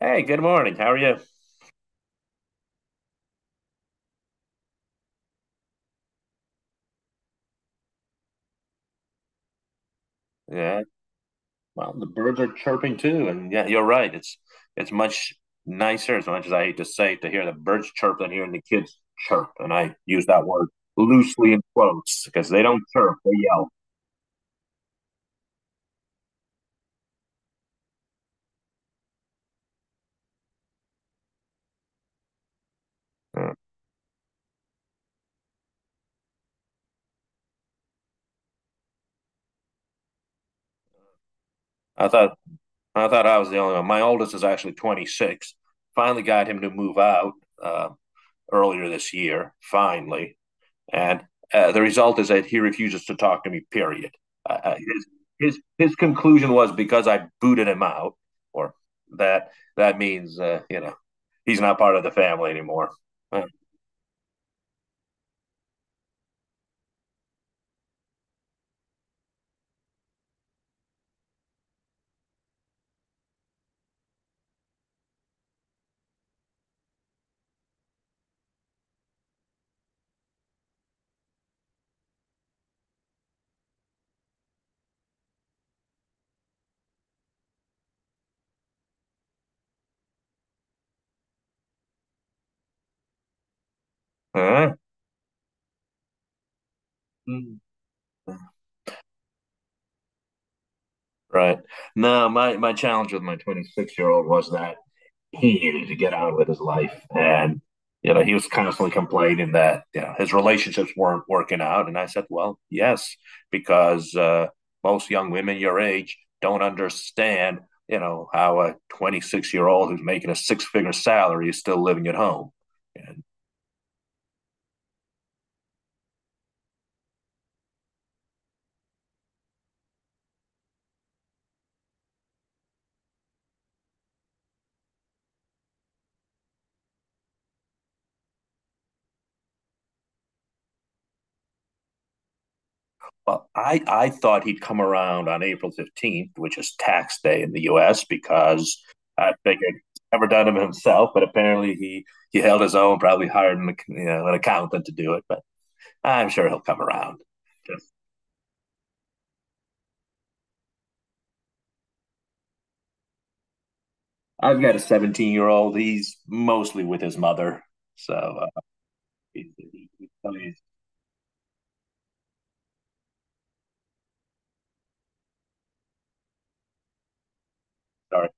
Hey, good morning. How are you? Yeah. Well, the birds are chirping too, and yeah, you're right. It's much nicer, as much as I hate to say it, to hear the birds chirp than hearing the kids chirp. And I use that word loosely in quotes because they don't chirp; they yell. Yeah. I thought I thought I was the only one. My oldest is actually 26. Finally got him to move out uh, earlier this year. Finally, and the result is that he refuses to talk to me, period. Uh, uh, his, his conclusion was because I booted him out, or that that means, he's not part of the family anymore. All right. Right. No, my challenge with my 26-year-old was that he needed to get on with his life. And, you know, he was constantly complaining that, you know, his relationships weren't working out. And I said, well, yes, because most young women your age don't understand, you know, how a 26-year-old who's making a six figure salary is still living at home. And well, I thought he'd come around on April 15th, which is tax day in the US, because I figured he's never done it himself, but apparently he held his own, probably hired an, you know, an accountant to do it, but I'm sure he'll come around. I've got a 17-year-old. He's mostly with his mother. So he's starting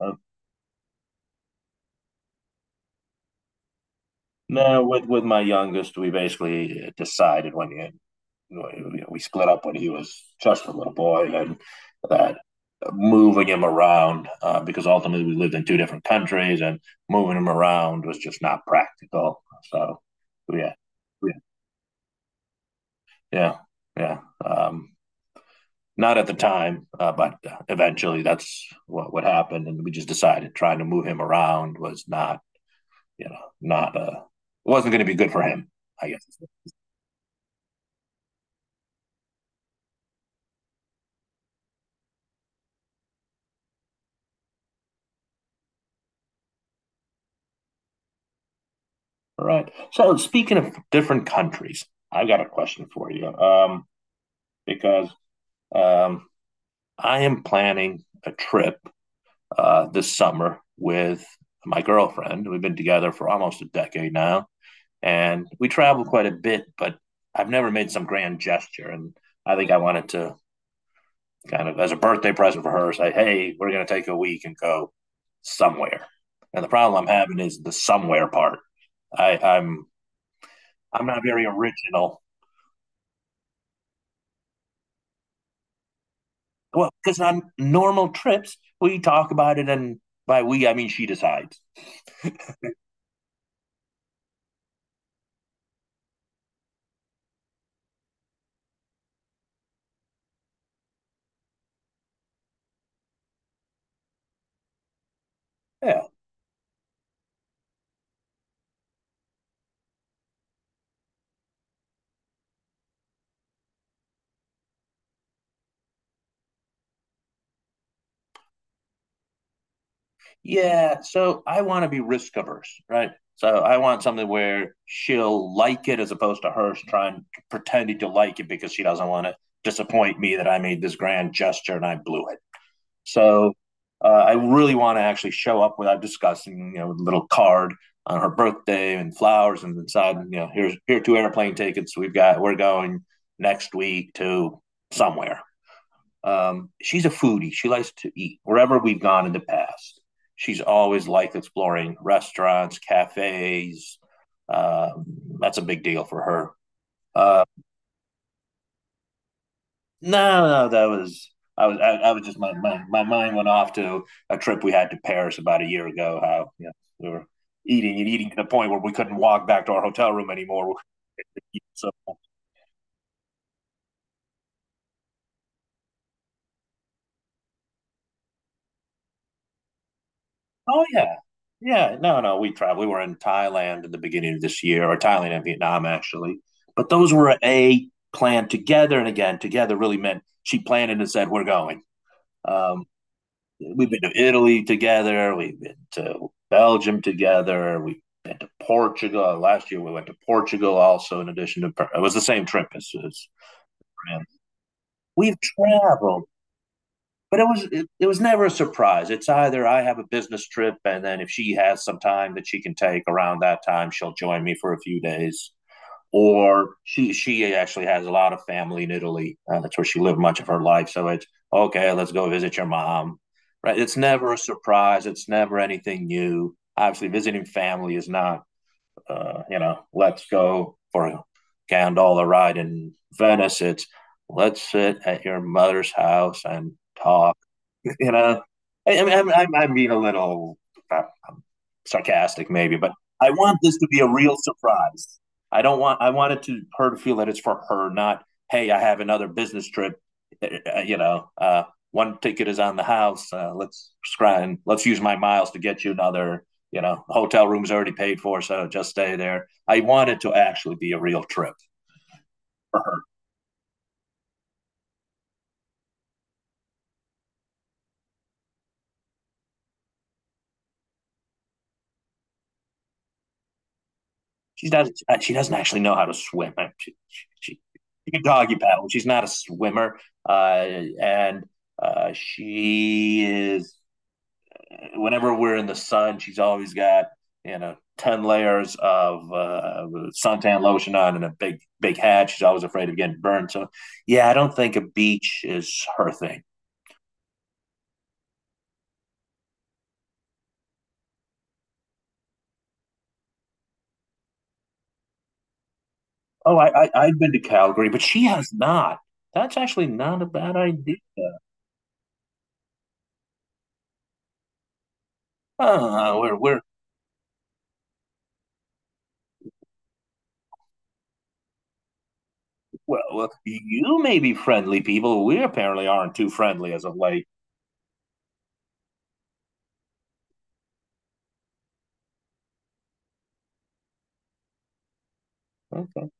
to. No, no, with my youngest, we basically decided when you know, we split up when he was just a little boy, and that moving him around because ultimately we lived in two different countries, and moving him around was just not practical. So, yeah, yeah, yeah, yeah. Um, Not at the time, but eventually that's what happened, and we just decided trying to move him around was not, you know, not wasn't going to be good for him. I guess. All right. So speaking of different countries, I've got a question for you, because um, I am planning a trip this summer with my girlfriend. We've been together for almost a decade now, and we travel quite a bit, but I've never made some grand gesture. And I think I wanted to kind of, as a birthday present for her, say, hey, we're going to take a week and go somewhere. And the problem I'm having is the somewhere part. I, I'm I'm not very original. Well, because on normal trips, we talk about it, and by we, I mean she decides. Yeah. Yeah. So I want to be risk averse, right? So I want something where she'll like it as opposed to her trying pretending to like it because she doesn't want to disappoint me that I made this grand gesture and I blew it. So I really want to actually show up without discussing, you know, with a little card on her birthday and flowers and inside, you know, here are two airplane tickets. We're going next week to somewhere. She's a foodie. She likes to eat wherever we've gone in the past. She's always liked exploring restaurants, cafes. Uh, that's a big deal for her. Uh, No, no, that was I was just my mind went off to a trip we had to Paris about a year ago. How you know, we were eating and eating to the point where we couldn't walk back to our hotel room anymore. So, oh yeah, yeah, no, no, we traveled. We were in Thailand in the beginning of this year, or Thailand and Vietnam actually. But those were a planned together, and again, together really meant she planned it and said we're going. Um, we've been to Italy together. We've been to Belgium together. We've been to Portugal. Last year we went to Portugal also. In addition to it was the same trip as, Fran. We've traveled, but it was never a surprise. It's either I have a business trip, and then if she has some time that she can take around that time, she'll join me for a few days or she actually has a lot of family in Italy. That's where she lived much of her life. So it's okay. Let's go visit your mom. Right? It's never a surprise. It's never anything new. Obviously, visiting family is not. You know, let's go for a gondola ride in Venice. It's let's sit at your mother's house and talk. You know, I'm being a little uh, sarcastic, maybe, but I want this to be a real surprise. I don't want I wanted to her to feel that it's for her, not hey, I have another business trip. Uh, uh, uh, you know, uh, One ticket is on the house. Let's scry let's use my miles to get you another. You know, hotel room's already paid for, so just stay there. I want it to actually be a real trip. Uh-huh. She doesn't. She doesn't actually know how to swim. She can doggy paddle. She's not a swimmer, uh, and she is. Whenever we're in the sun, she's always got you know 10 layers of suntan lotion on and a big hat. She's always afraid of getting burned. So yeah, I don't think a beach is her thing. Oh, I I've been to Calgary, but she has not. That's actually not a bad idea. Ah, we're Well, well, you may be friendly people. We apparently aren't too friendly as of late. Okay.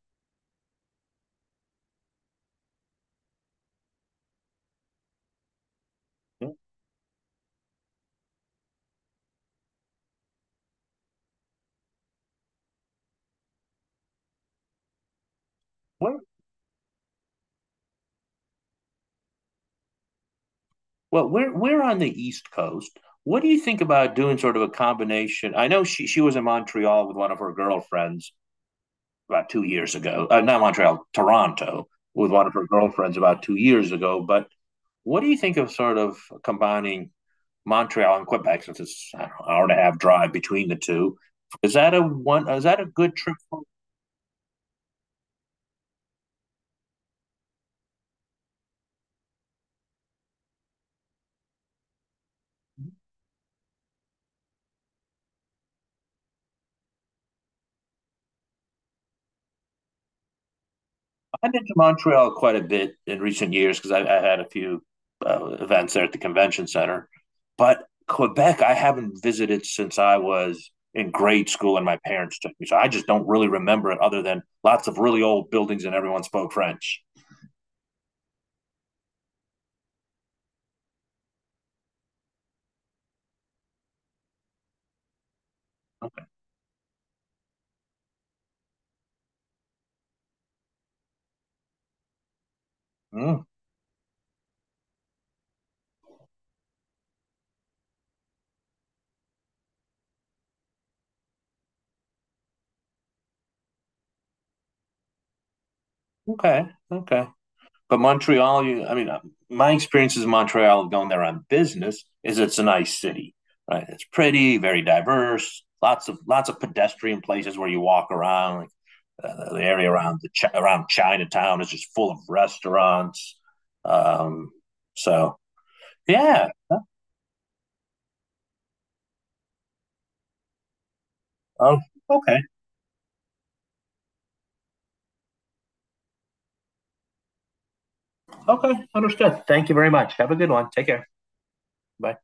Yeah. We're, well, We're on the East Coast. What do you think about doing sort of a combination? I know she was in Montreal with one of her girlfriends about 2 years ago. Not Montreal, Toronto with one of her girlfriends about 2 years ago. But what do you think of sort of combining Montreal and Quebec since it's I hour and a half drive between the two. Is that a one? Is that a good trip? I've been to Montreal quite a bit in recent years because I had a few events there at the convention center. But Quebec, I haven't visited since I was in grade school and my parents took me. So I just don't really remember it other than lots of really old buildings and everyone spoke French. Okay. Mm, okay. Okay. But Montreal, you, I mean, my experiences in Montreal going there on business is it's a nice city, right? It's pretty, very diverse, lots of pedestrian places where you walk around. Like the area around the chi- around Chinatown is just full of restaurants. Um, so yeah. Oh, okay, okay, understood. Thank you very much. Have a good one. Take care. Bye.